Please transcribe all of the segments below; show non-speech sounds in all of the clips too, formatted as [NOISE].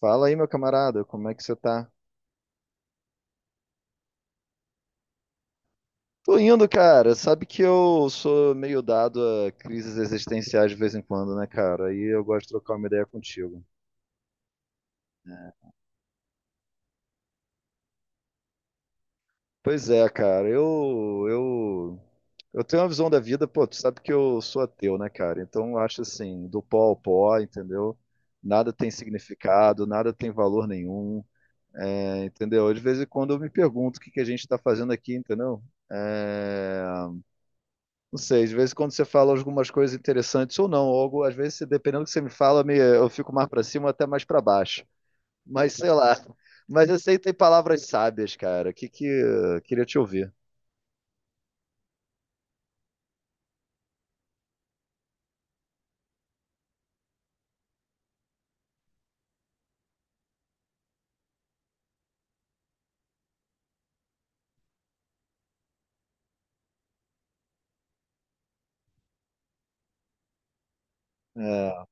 Fala aí, meu camarada, como é que você tá? Tô indo, cara. Sabe que eu sou meio dado a crises existenciais de vez em quando, né, cara? Aí eu gosto de trocar uma ideia contigo. Pois é, cara. Eu tenho uma visão da vida, pô, tu sabe que eu sou ateu, né, cara? Então eu acho assim, do pó ao pó, entendeu? Nada tem significado, nada tem valor nenhum, entendeu? De vez em quando eu me pergunto o que que a gente tá fazendo aqui, entendeu? É, Não sei, às vezes quando você fala algumas coisas interessantes ou não, ou algo, às vezes, dependendo do que você me fala, eu fico mais para cima ou até mais para baixo. Mas sei lá. Mas eu sei que tem palavras sábias, cara. Que queria te ouvir. É,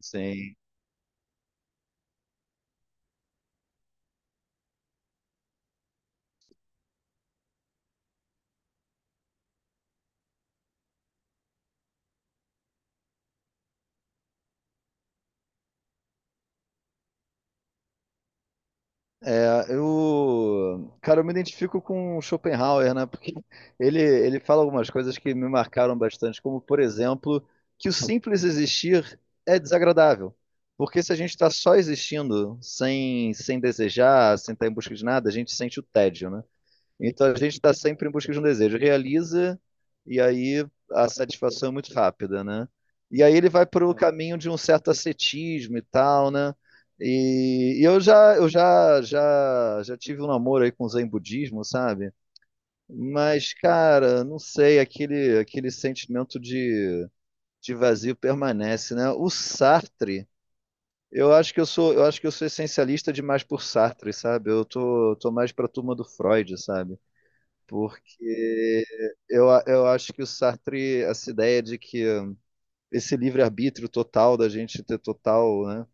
sim. É, eu, cara, eu me identifico com o Schopenhauer, né? Porque ele fala algumas coisas que me marcaram bastante, como, por exemplo, que o simples existir é desagradável. Porque se a gente está só existindo, sem desejar, sem estar em busca de nada, a gente sente o tédio, né? Então a gente está sempre em busca de um desejo. Realiza, e aí a satisfação é muito rápida, né? E aí ele vai para o caminho de um certo ascetismo e tal, né? E eu já tive um namoro aí com o Zen budismo, sabe? Mas, cara, não sei, aquele sentimento de, vazio permanece, né? O Sartre, eu acho que eu sou essencialista demais por Sartre, sabe? Eu tô mais pra turma do Freud, sabe? Porque eu acho que o Sartre, essa ideia de que esse livre-arbítrio total, da gente ter total, né,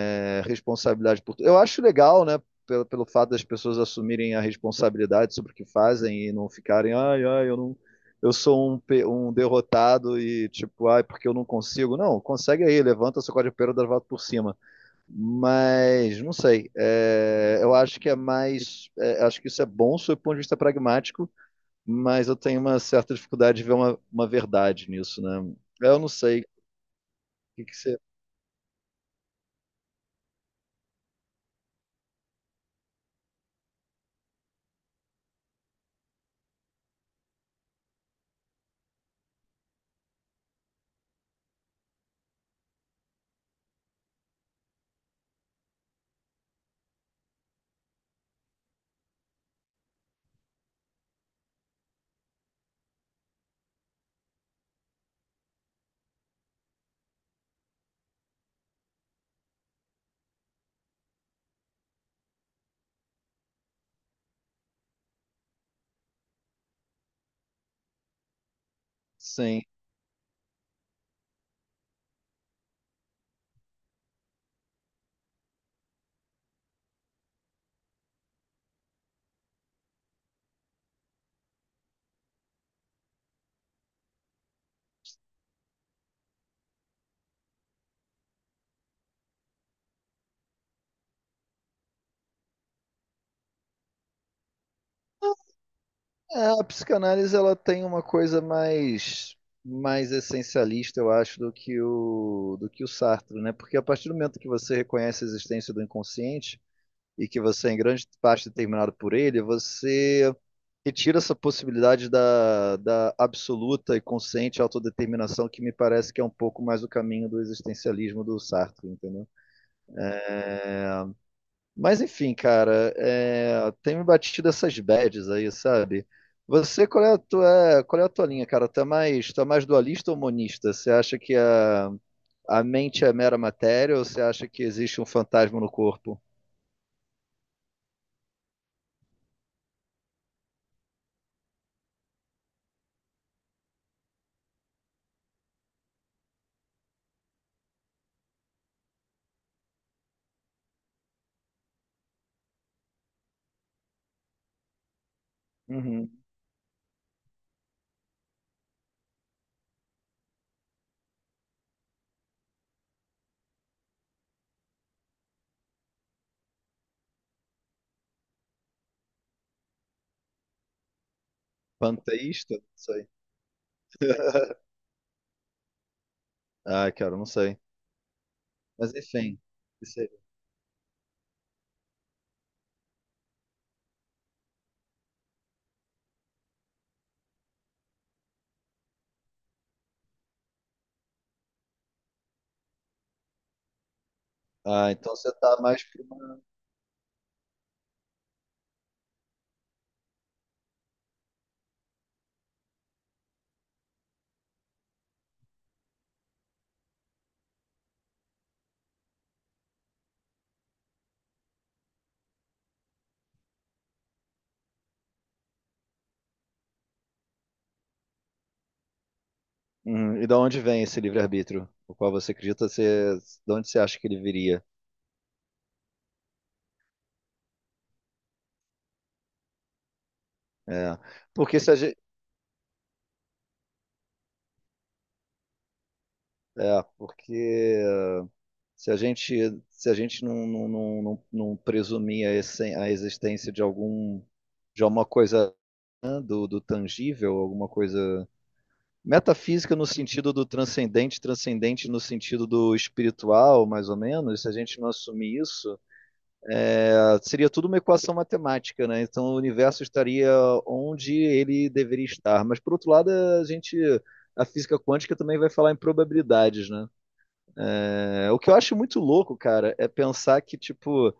é, responsabilidade por tudo. Eu acho legal, né, pelo fato das pessoas assumirem a responsabilidade sobre o que fazem e não ficarem, ai, ai, eu não, eu sou um derrotado e tipo, ai, porque eu não consigo. Não, consegue aí, levanta, sacode a poeira, dá a volta por cima. Mas, não sei, é, eu acho que é mais, é, acho que isso é bom sob o ponto de vista pragmático, mas eu tenho uma certa dificuldade de ver uma verdade nisso, né? Eu não sei o que que você. Sim. É, a psicanálise ela tem uma coisa mais essencialista, eu acho, do que o Sartre, né? Porque a partir do momento que você reconhece a existência do inconsciente e que você é em grande parte é determinado por ele, você retira essa possibilidade da absoluta e consciente autodeterminação, que me parece que é um pouco mais o caminho do existencialismo do Sartre, entendeu? Mas enfim, cara, é, tem me batido essas bads aí, sabe? Você, qual é a tua linha, cara? Tu é mais dualista ou monista? Você acha que a mente é mera matéria ou você acha que existe um fantasma no corpo? Uhum. Panteísta? Não sei. [LAUGHS] Ah, cara, não sei. Mas enfim. Que seja. Ah, então você tá mais pro... Uhum. E da onde vem esse livre-arbítrio? O qual você acredita ser... De onde você acha que ele viria? É. Porque se a gente... É, porque... se a gente, se a gente não presumir a existência de algum, de alguma coisa, né, do tangível, alguma coisa metafísica, no sentido do transcendente, transcendente no sentido do espiritual, mais ou menos, se a gente não assumir isso, ah, seria tudo uma equação matemática, né? Então o universo estaria onde ele deveria estar. Mas por outro lado, a física quântica também vai falar em probabilidades, né? É, o que eu acho muito louco, cara, é pensar que, tipo,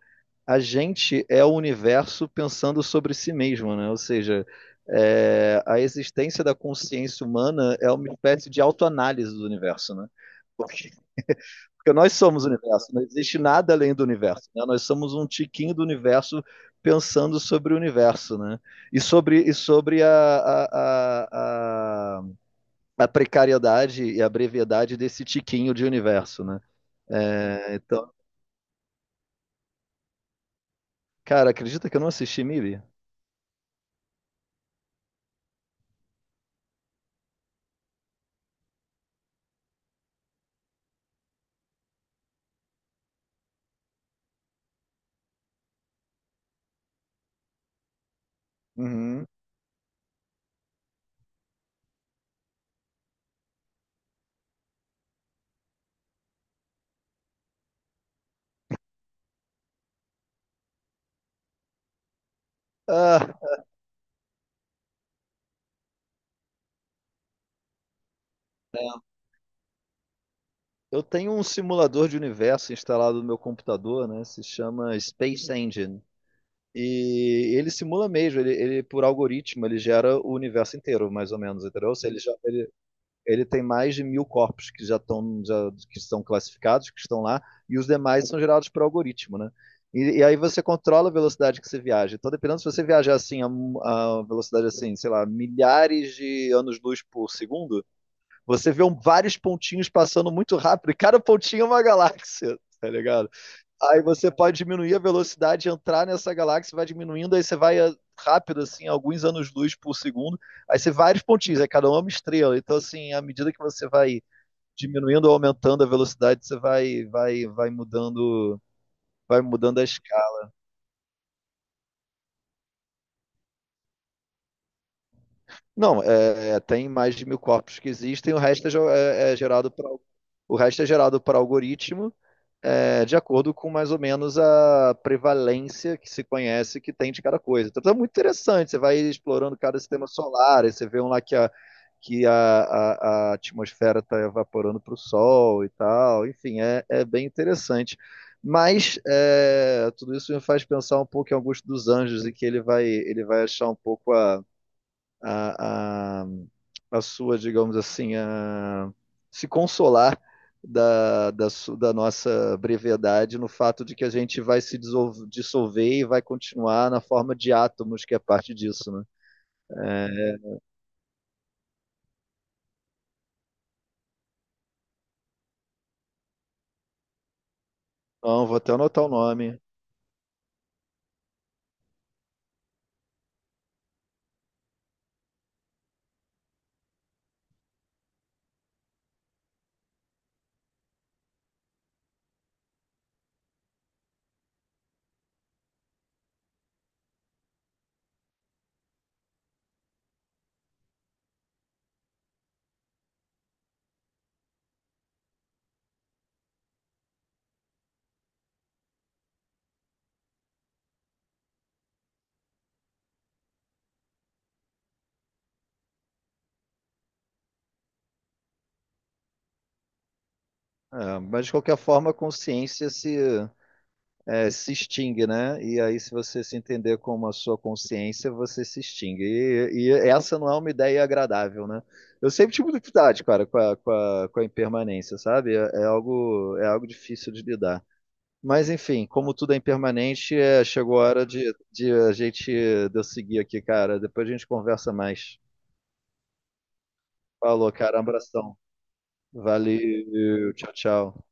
a gente é o universo pensando sobre si mesmo, né? Ou seja, é, a existência da consciência humana é uma espécie de autoanálise do universo, né? Porque porque nós somos o universo, não existe nada além do universo, né? Nós somos um tiquinho do universo pensando sobre o universo, né? E sobre a precariedade e a brevidade desse tiquinho de universo, né? É, então, cara, acredita que eu não assisti MIB? Uhum. Ah, eu tenho um simulador de universo instalado no meu computador, né? Se chama Space Engine. E ele simula mesmo, ele por algoritmo, ele gera o universo inteiro, mais ou menos, entendeu? Se ele, já- ele- ele tem mais de 1.000 corpos que já estão já, que são classificados, que estão lá, e os demais são gerados por algoritmo, né? E aí você controla a velocidade que você viaja. Então, dependendo se você viajar assim a velocidade assim, sei lá, milhares de anos-luz por segundo, você vê vários pontinhos passando muito rápido, e cada pontinho é uma galáxia, tá ligado? Aí você pode diminuir a velocidade, entrar nessa galáxia, vai diminuindo, aí você vai ah, rápido, assim, alguns anos-luz por segundo. Aí você vários pontinhos, aí cada um é uma estrela. Então, assim, à medida que você vai diminuindo ou aumentando a velocidade, você vai mudando. Vai mudando a escala. Não, tem mais de mil corpos que existem, o resto é gerado para o resto é gerado por algoritmo, é, de acordo com mais ou menos a prevalência que se conhece que tem de cada coisa. Então é muito interessante, você vai explorando cada sistema solar, aí você vê um lá que a atmosfera está evaporando para o Sol e tal, enfim, é, é bem interessante. Mas é, tudo isso me faz pensar um pouco em Augusto dos Anjos, e que ele vai achar um pouco a, a, a sua, digamos assim, se consolar da, da, da nossa brevidade no fato de que a gente vai se dissolver e vai continuar na forma de átomos, que é parte disso, né? É, então, vou até anotar o nome. É, mas, de qualquer forma, a consciência se extingue, né? E aí, se você se entender como a sua consciência, você se extingue. E essa não é uma ideia agradável, né? Eu sempre tive dificuldade, cara, com a impermanência, sabe? É, é algo difícil de lidar. Mas, enfim, como tudo é impermanente, é, chegou a hora de a gente de eu seguir aqui, cara. Depois a gente conversa mais. Falou, cara. Um abração. Valeu. Tchau, tchau.